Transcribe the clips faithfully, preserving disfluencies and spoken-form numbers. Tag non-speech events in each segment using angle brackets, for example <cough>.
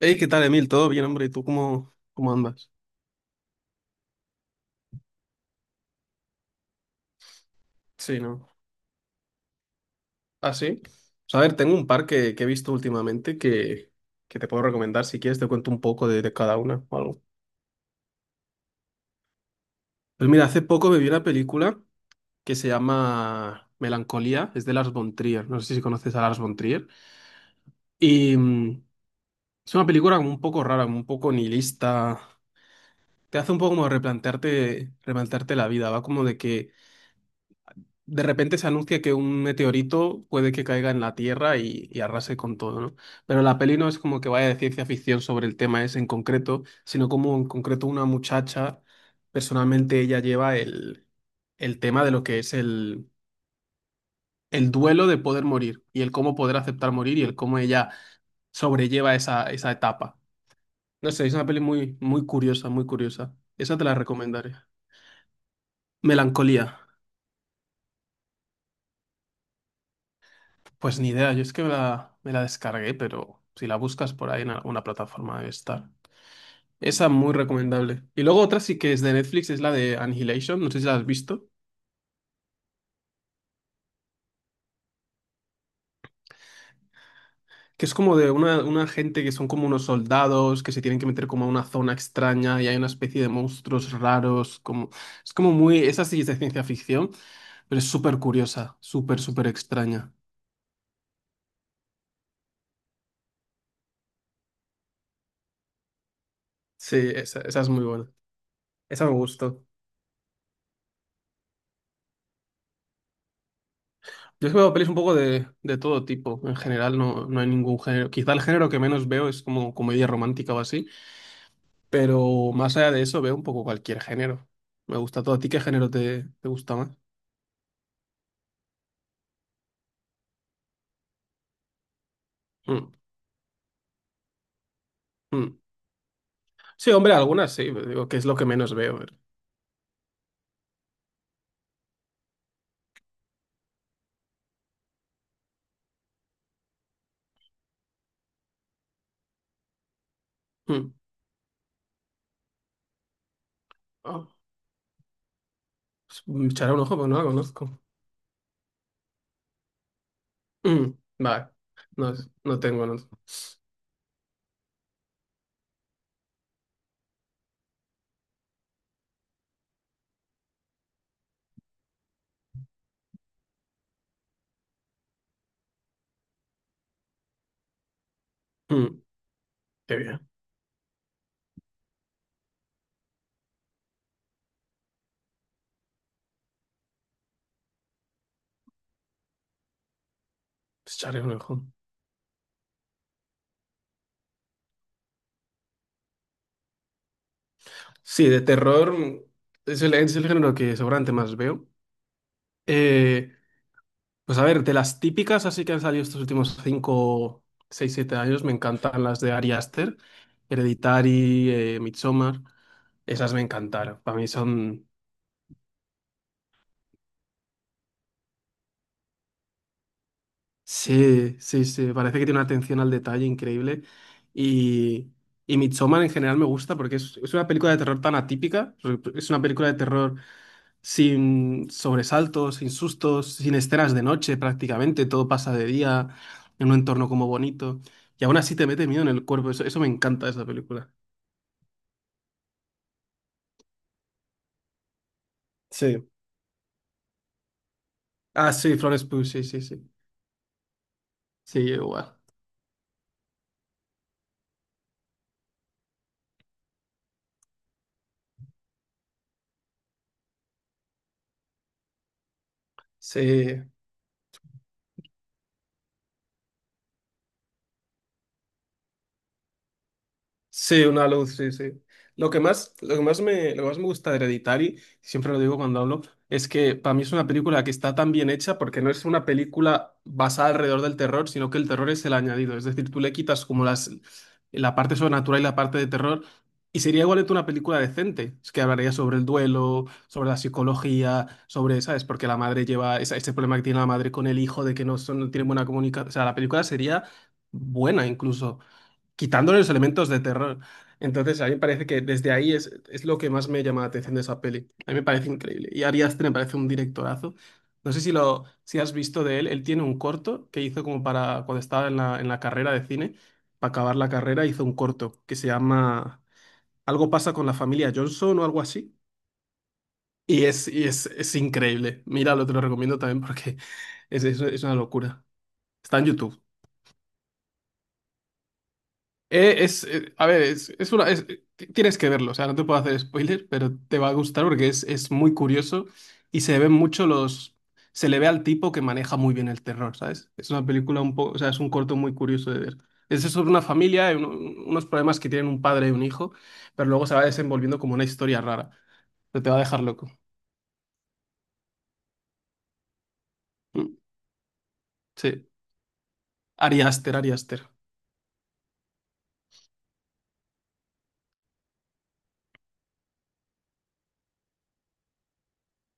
Hey, ¿qué tal, Emil? ¿Todo bien, hombre? ¿Y tú cómo, cómo andas? Sí, ¿no? ¿Ah, sí? Pues, a ver, tengo un par que, que he visto últimamente que, que te puedo recomendar. Si quieres, te cuento un poco de, de cada una o algo. Pues mira, hace poco me vi una película que se llama Melancolía. Es de Lars von Trier. No sé si conoces a Lars von Trier. Y mm, es una película como un poco rara, como un poco nihilista. Te hace un poco como replantearte, replantearte la vida. Va como de que de repente se anuncia que un meteorito puede que caiga en la Tierra y, y arrase con todo, ¿no? Pero la peli no es como que vaya de ciencia ficción sobre el tema ese en concreto, sino como en concreto una muchacha, personalmente ella lleva el, el tema de lo que es el, el duelo de poder morir y el cómo poder aceptar morir y el cómo ella sobrelleva esa, esa etapa. No sé, es una peli muy, muy curiosa, muy curiosa. Esa te la recomendaré. Melancolía. Pues ni idea, yo es que me la, me la descargué, pero si la buscas por ahí en alguna plataforma debe estar. Esa muy recomendable. Y luego otra sí que es de Netflix, es la de Annihilation, no sé si la has visto, que es como de una, una gente que son como unos soldados que se tienen que meter como a una zona extraña y hay una especie de monstruos raros, como. Es como muy. Esa sí es de ciencia ficción, pero es súper curiosa, súper, súper extraña. Sí, esa, esa es muy buena. Esa me gustó. Yo he veo pelis un poco de, de todo tipo. En general no, no hay ningún género. Quizá el género que menos veo es como comedia romántica o así, pero más allá de eso veo un poco cualquier género. Me gusta todo. ¿A ti qué género te, te gusta más? Mm, mm. Sí, hombre, algunas sí, pero digo que es lo que menos veo. pero- Mm. Ah, pues, me echaré un ojo, pero no la conozco. Mm. Vale, no, es- no tengo. No. Mm. Qué bien, pues echaré un ojo. Sí, de terror mm, es el, es el género que seguramente más veo. Eh, Pues a ver, de las típicas así que han salido estos últimos cinco seis siete años, me encantan las de Ari Aster, Hereditary, eh, Midsommar, esas me encantaron. Para mí son. Sí, sí, sí, parece que tiene una atención al detalle increíble. Y, y Midsommar en general me gusta porque es, es una película de terror tan atípica, es una película de terror sin sobresaltos, sin sustos, sin escenas de noche prácticamente, todo pasa de día, en un entorno como bonito, y aún así te mete miedo en el cuerpo, eso, eso me encanta de esa película. Sí. Ah, sí, Florence Pugh, sí, sí, sí. Sí, yo igual. Sí. Sí, una luz, sí, sí. Lo que más, lo que más me, lo que más me gusta de Hereditary, siempre lo digo cuando hablo, es que para mí es una película que está tan bien hecha porque no es una película basada alrededor del terror, sino que el terror es el añadido. Es decir, tú le quitas como las, la parte sobrenatural y la parte de terror y sería igualmente una película decente. Es que hablaría sobre el duelo, sobre la psicología, sobre, ¿sabes? Porque la madre lleva esa- ese problema que tiene la madre con el hijo de que no, son, no tienen buena comunicación. O sea, la película sería buena incluso quitándole los elementos de terror. Entonces, a mí me parece que desde ahí es, es lo que más me llama la atención de esa peli. A mí me parece increíble. Y Ari Aster me parece un directorazo. No sé si lo si has visto de él. Él tiene un corto que hizo como para cuando estaba en la, en la carrera de cine. Para acabar la carrera hizo un corto que se llama Algo pasa con la familia Johnson o algo así. Y es, y es, es increíble. Míralo, te lo recomiendo también porque <laughs> es, es es una locura. Está en YouTube. Eh, es, eh, a ver, es, es una, es- ti- tienes que verlo, o sea, no te puedo hacer spoiler, pero te va a gustar porque es, es muy curioso y se ven mucho los. Se le ve al tipo que maneja muy bien el terror, ¿sabes? Es una película un poco, o sea, es un corto muy curioso de ver. Es sobre una familia, y uno- unos problemas que tienen un padre y un hijo, pero luego se va desenvolviendo como una historia rara. Pero te va a dejar loco. Mm, Sí, Ari Aster, Ari Aster.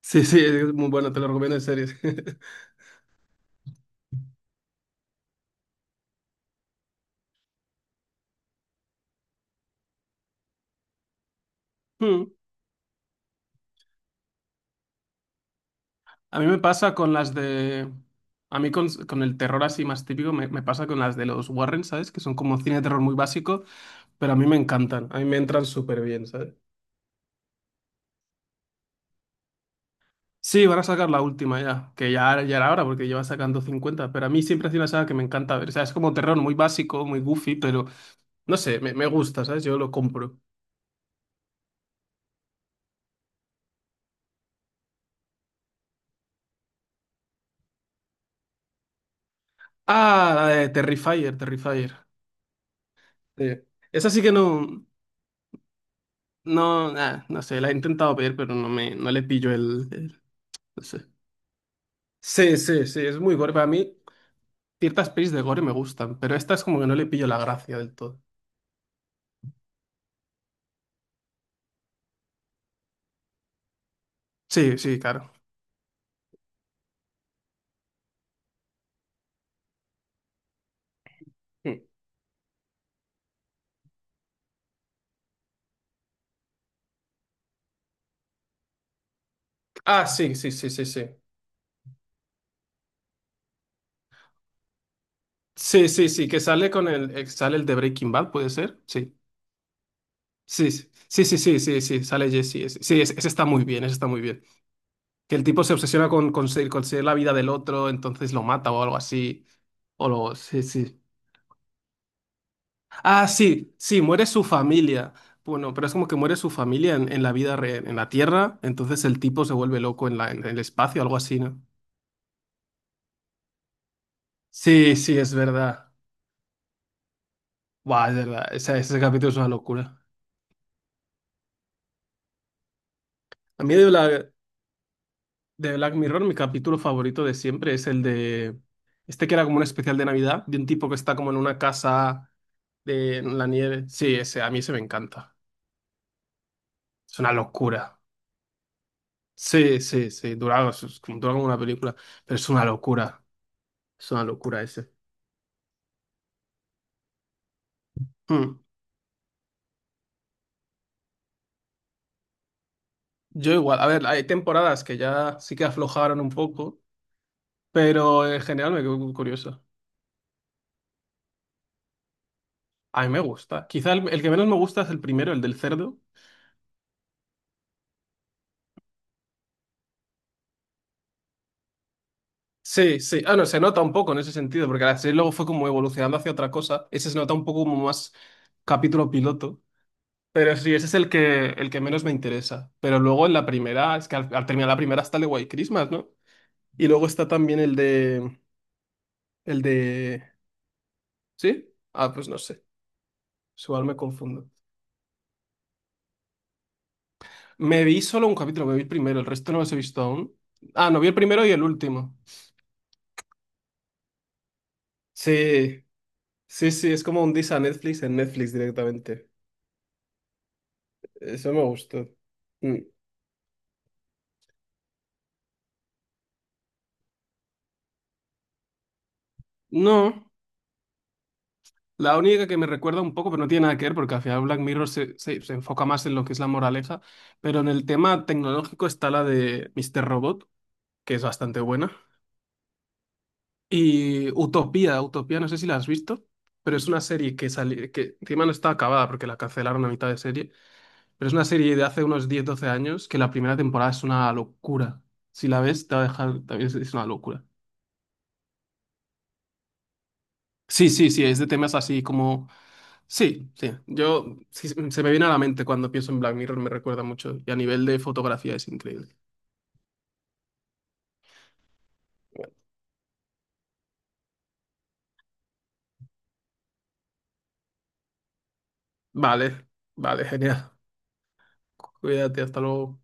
Sí, sí, es muy bueno, te lo recomiendo en serio. <laughs> A mí me pasa con las de. A mí con, con el terror así más típico me, me pasa con las de los Warren, ¿sabes? Que son como cine de terror muy básico, pero a mí me encantan, a mí me entran súper bien, ¿sabes? Sí, van a sacar la última ya, que ya, ya era hora porque lleva sacando cincuenta pero a mí siempre ha sido una saga que me encanta ver, o sea, es como terror muy básico, muy goofy, pero no sé, me, me gusta, ¿sabes? Yo lo compro. Ah, la de Terrifier, Terrifier. Sí. Esa sí que no, no, nah, no sé, la he intentado ver, pero no me, no le pillo el, el- No sé. Sí, sí, sí, es muy gore. Para mí, ciertas pelis de gore me gustan, pero esta es como que no le pillo la gracia del todo. Sí, sí, claro. Hmm. Ah, sí, sí, sí, sí, sí. Sí, sí, sí, que sale con el, eh, sale el de Breaking Bad, ¿puede ser? Sí. Sí, sí, sí, sí, sí, sí, sí, sale Jesse. ese- Sí, ese, ese está muy bien, ese está muy bien. Que el tipo se obsesiona con conseguir, conseguir la vida del otro, entonces lo mata o algo así. O lo, sí, sí. Ah, sí, sí, muere su familia. Bueno, pero es como que muere su familia en, en la vida real, en la Tierra, entonces el tipo se vuelve loco en la, en el espacio, algo así, ¿no? Sí, sí, es verdad. Buah, es verdad, ese, ese capítulo es una locura. A mí de Black, de Black Mirror, mi capítulo favorito de siempre es el de. Este que era como un especial de Navidad, de un tipo que está como en una casa de, en la nieve. Sí, ese, a mí ese me encanta. Es una locura. Sí, sí, sí, dura, es- es como- dura como una película, pero es una locura. Es una locura ese. Hmm. Yo igual, a ver, hay temporadas que ya sí que aflojaron un poco, pero en general me quedo curioso. A mí me gusta. Quizá el, el que menos me gusta es el primero, el del cerdo. Sí, sí. Ah, no, se nota un poco en ese sentido, porque la serie luego fue como evolucionando hacia otra cosa. Ese se nota un poco como más capítulo piloto. Pero sí, ese es el que, el que menos me interesa. Pero luego en la primera, es que al, al terminar la primera está el de White Christmas, ¿no? Y luego está también el de. El de. ¿Sí? Ah, pues no sé. Igual me confundo. Me vi solo un capítulo, me vi el primero, el resto no los he visto aún. Ah, no, vi el primero y el último. Sí, sí, sí, es como un diss a Netflix en Netflix directamente. Eso me gustó. Mm. No, la única que me recuerda un poco, pero no tiene nada que ver, porque al final Black Mirror se, se, se enfoca más en lo que es la moraleja, pero en el tema tecnológico está la de mister Robot, que es bastante buena. Y Utopía, Utopía, no sé si la has visto, pero es una serie que salió, que encima no está acabada porque la cancelaron a mitad de serie Pero es una serie de hace unos diez doce años que la primera temporada es una locura. Si la ves, te va a dejar, también es es una locura. Sí, sí, sí, es de temas así como. Sí, sí, yo, sí, se se me viene a la mente cuando pienso en Black Mirror, me recuerda mucho. Y a nivel de fotografía es increíble. Vale, vale, genial. Cuídate, hasta luego.